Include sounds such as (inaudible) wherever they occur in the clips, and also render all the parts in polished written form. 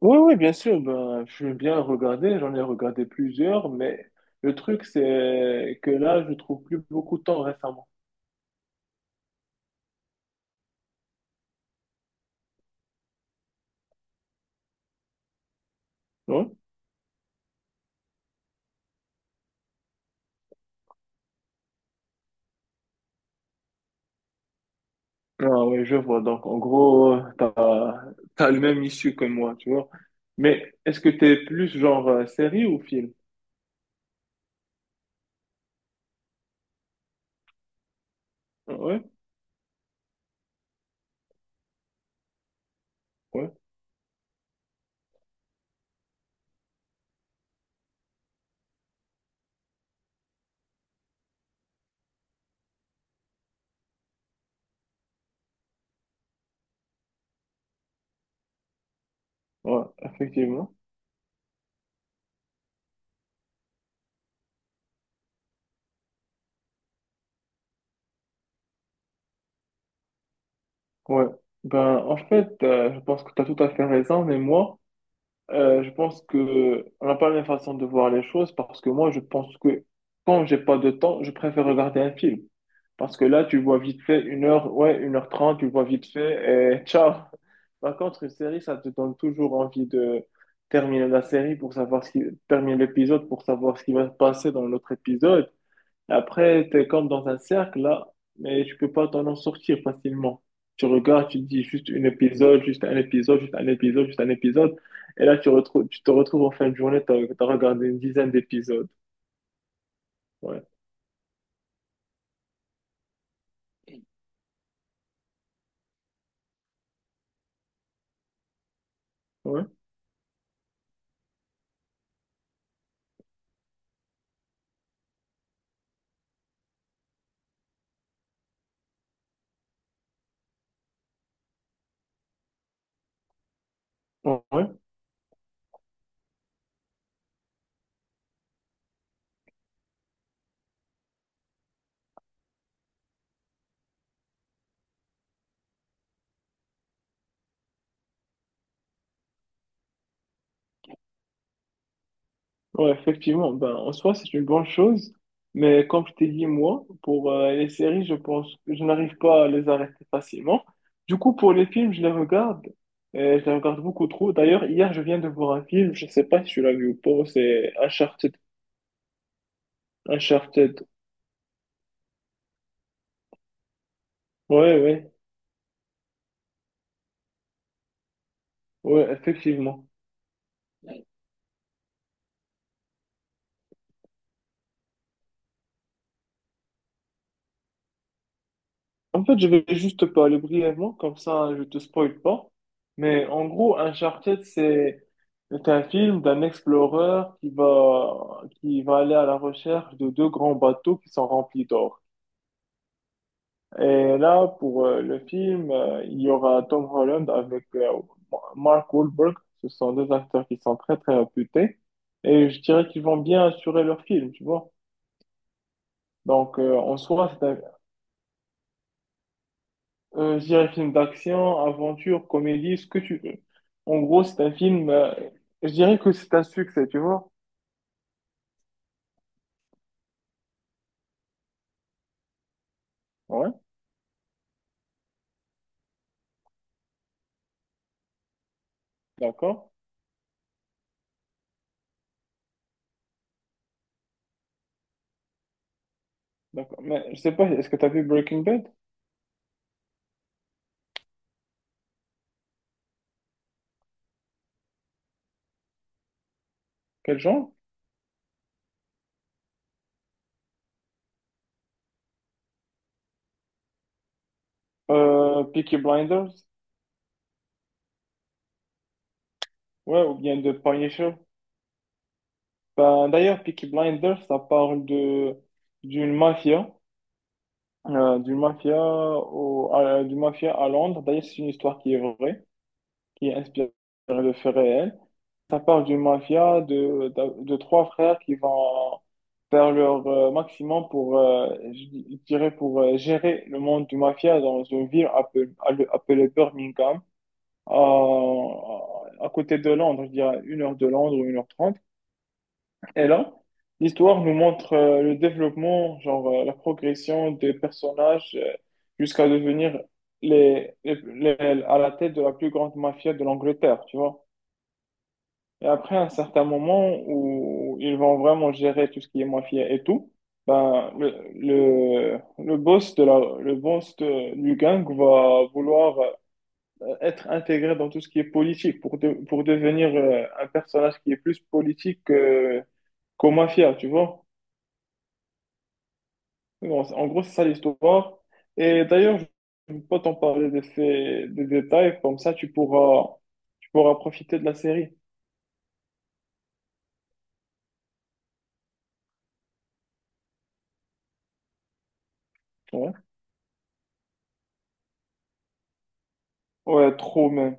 Oui, oui, bien sûr, ben, j'aime bien regarder, j'en ai regardé plusieurs, mais le truc, c'est que là, je trouve plus beaucoup de temps récemment. Non? Ah oui, je vois. Donc, en gros, t'as le même issue que moi, tu vois. Mais est-ce que t'es plus genre série ou film? Ouais, ouais, ouais, effectivement. Ouais. Ben, en fait, je pense que t'as tout à fait raison, mais moi, je pense que on n'a pas la même façon de voir les choses parce que moi, je pense que quand j'ai pas de temps, je préfère regarder un film. Parce que là, tu vois vite fait 1 heure, ouais, 1h30, tu vois vite fait et (laughs) ciao. Par contre, une série, ça te donne toujours envie de terminer la série pour savoir ce qui, terminer l'épisode pour savoir ce qui va se passer dans l'autre épisode. Après, tu es comme dans un cercle là, mais tu peux pas t'en en sortir facilement. Tu regardes, tu te dis juste un épisode, juste un épisode, juste un épisode, juste un épisode. Et là, tu te retrouves en fin de journée, tu as regardé une dizaine d'épisodes. Ouais. Ouais. Ouais. Ouais, effectivement, ben, en soi, c'est une bonne chose, mais comme je t'ai dit, moi, pour les séries, je pense que je n'arrive pas à les arrêter facilement. Du coup, pour les films, je les regarde, et je les regarde beaucoup trop. D'ailleurs, hier, je viens de voir un film, je ne sais pas si tu l'as vu ou pas, c'est Uncharted. Uncharted. Ouais, ouais, ouais, effectivement. En fait, je vais juste te parler brièvement, comme ça je te spoil pas. Mais en gros, Uncharted, c'est un film d'un explorer qui va, aller à la recherche de deux grands bateaux qui sont remplis d'or. Et là, pour le film, il y aura Tom Holland avec Mark Wahlberg. Ce sont deux acteurs qui sont très, très réputés. Et je dirais qu'ils vont bien assurer leur film, tu vois. Donc, en soi, c'est un je dirais film d'action, aventure, comédie, ce que tu veux. En gros, c'est un film, je dirais que c'est un succès, tu vois. Ouais, d'accord, d'accord. Mais je sais pas, est-ce que tu as vu Breaking Bad? Quel genre? Peaky Blinders? Ouais, ou bien The Punisher? Ben, d'ailleurs, Peaky Blinders, ça parle de d'une mafia, du mafia à Londres. D'ailleurs, c'est une histoire qui est vraie, qui est inspirée de faits réels. Ça parle d'une mafia de trois frères qui vont faire leur maximum je dirais, pour gérer le monde du mafia dans une ville appelée Birmingham, à, à côté de Londres, je dirais 1 heure de Londres ou 1h30. Et là, l'histoire nous montre le développement, genre la progression des personnages jusqu'à devenir à la tête de la plus grande mafia de l'Angleterre, tu vois. Et après, à un certain moment où ils vont vraiment gérer tout ce qui est mafia et tout, ben, le boss de la, le boss de- du gang va vouloir être intégré dans tout ce qui est politique pour devenir un personnage qui est plus politique qu'au mafia, tu vois. Bon, en gros, c'est ça l'histoire. Et d'ailleurs, je ne peux pas t'en parler de des détails, comme ça tu pourras profiter de la série. Ouais, ouais trop même.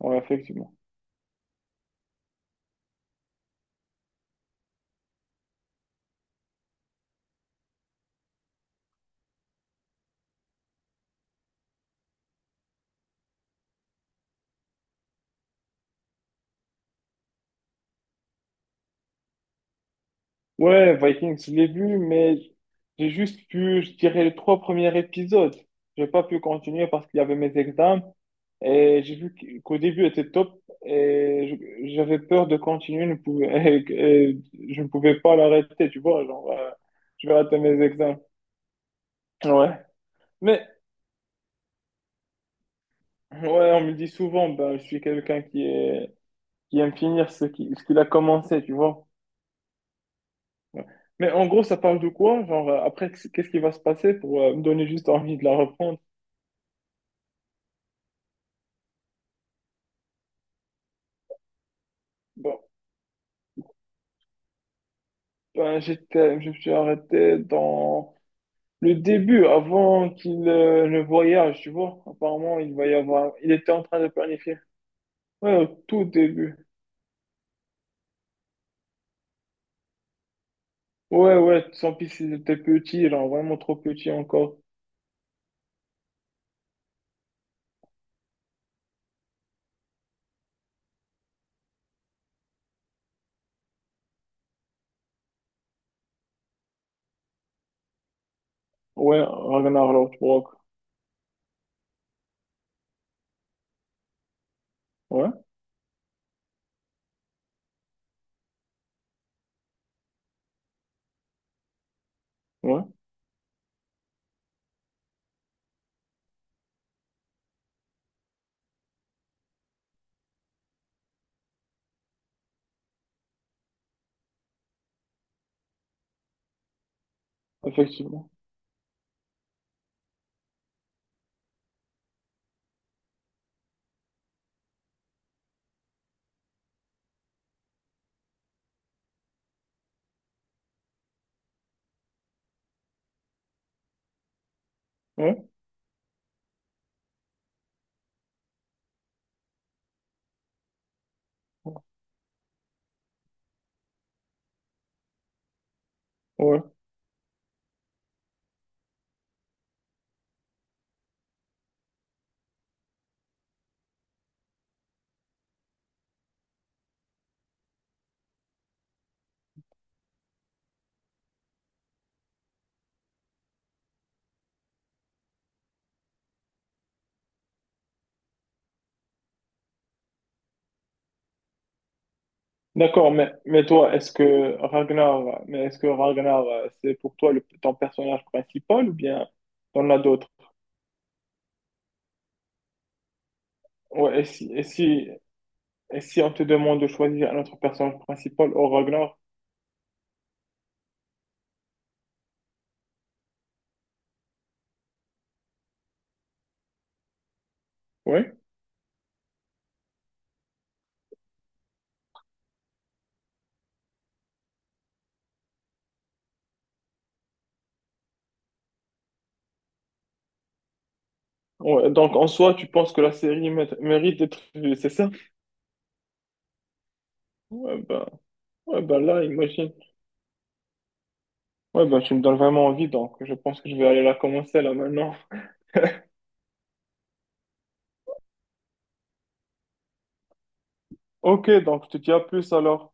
Ouais, effectivement. Ouais, Vikings, je l'ai vu, mais j'ai juste vu, je dirais, les trois premiers épisodes. J'ai pas pu continuer parce qu'il y avait mes examens et j'ai vu qu'au début était top et j'avais peur de continuer, ne pouvais- (laughs) et je ne pouvais pas l'arrêter, tu vois, genre, je vais rater mes examens. Ouais. Mais, ouais, on me dit souvent, ben, je suis quelqu'un qui aime finir ce qu'il a commencé, tu vois. Ouais. Mais en gros, ça parle de quoi? Genre, après, qu'est-ce qui va se passer pour me donner juste envie de la reprendre? Bon, ben, je me suis arrêté dans le début, avant qu'il ne voyage, tu vois. Apparemment, il va y avoir, il était en train de planifier. Ouais, au tout début. Ouais, ouais, sans piste, il était petit, genre vraiment trop petit encore. Ouais, Ragnar Lothbrok. Ouais, ouais, effectivement. Ouais, ouais. D'accord, mais toi, est-ce que Ragnar, c'est pour toi ton personnage principal ou bien t'en as d'autres? Ouais, et si on te demande de choisir un autre personnage principal au Ragnar, oui. Ouais, donc en soi, tu penses que la série mérite d'être vue, c'est ça? Ouais, bah, ouais, bah là, imagine. Ouais, bah tu me donnes vraiment envie, donc je pense que je vais aller la commencer là maintenant. (laughs) Ok, donc je te dis à plus alors.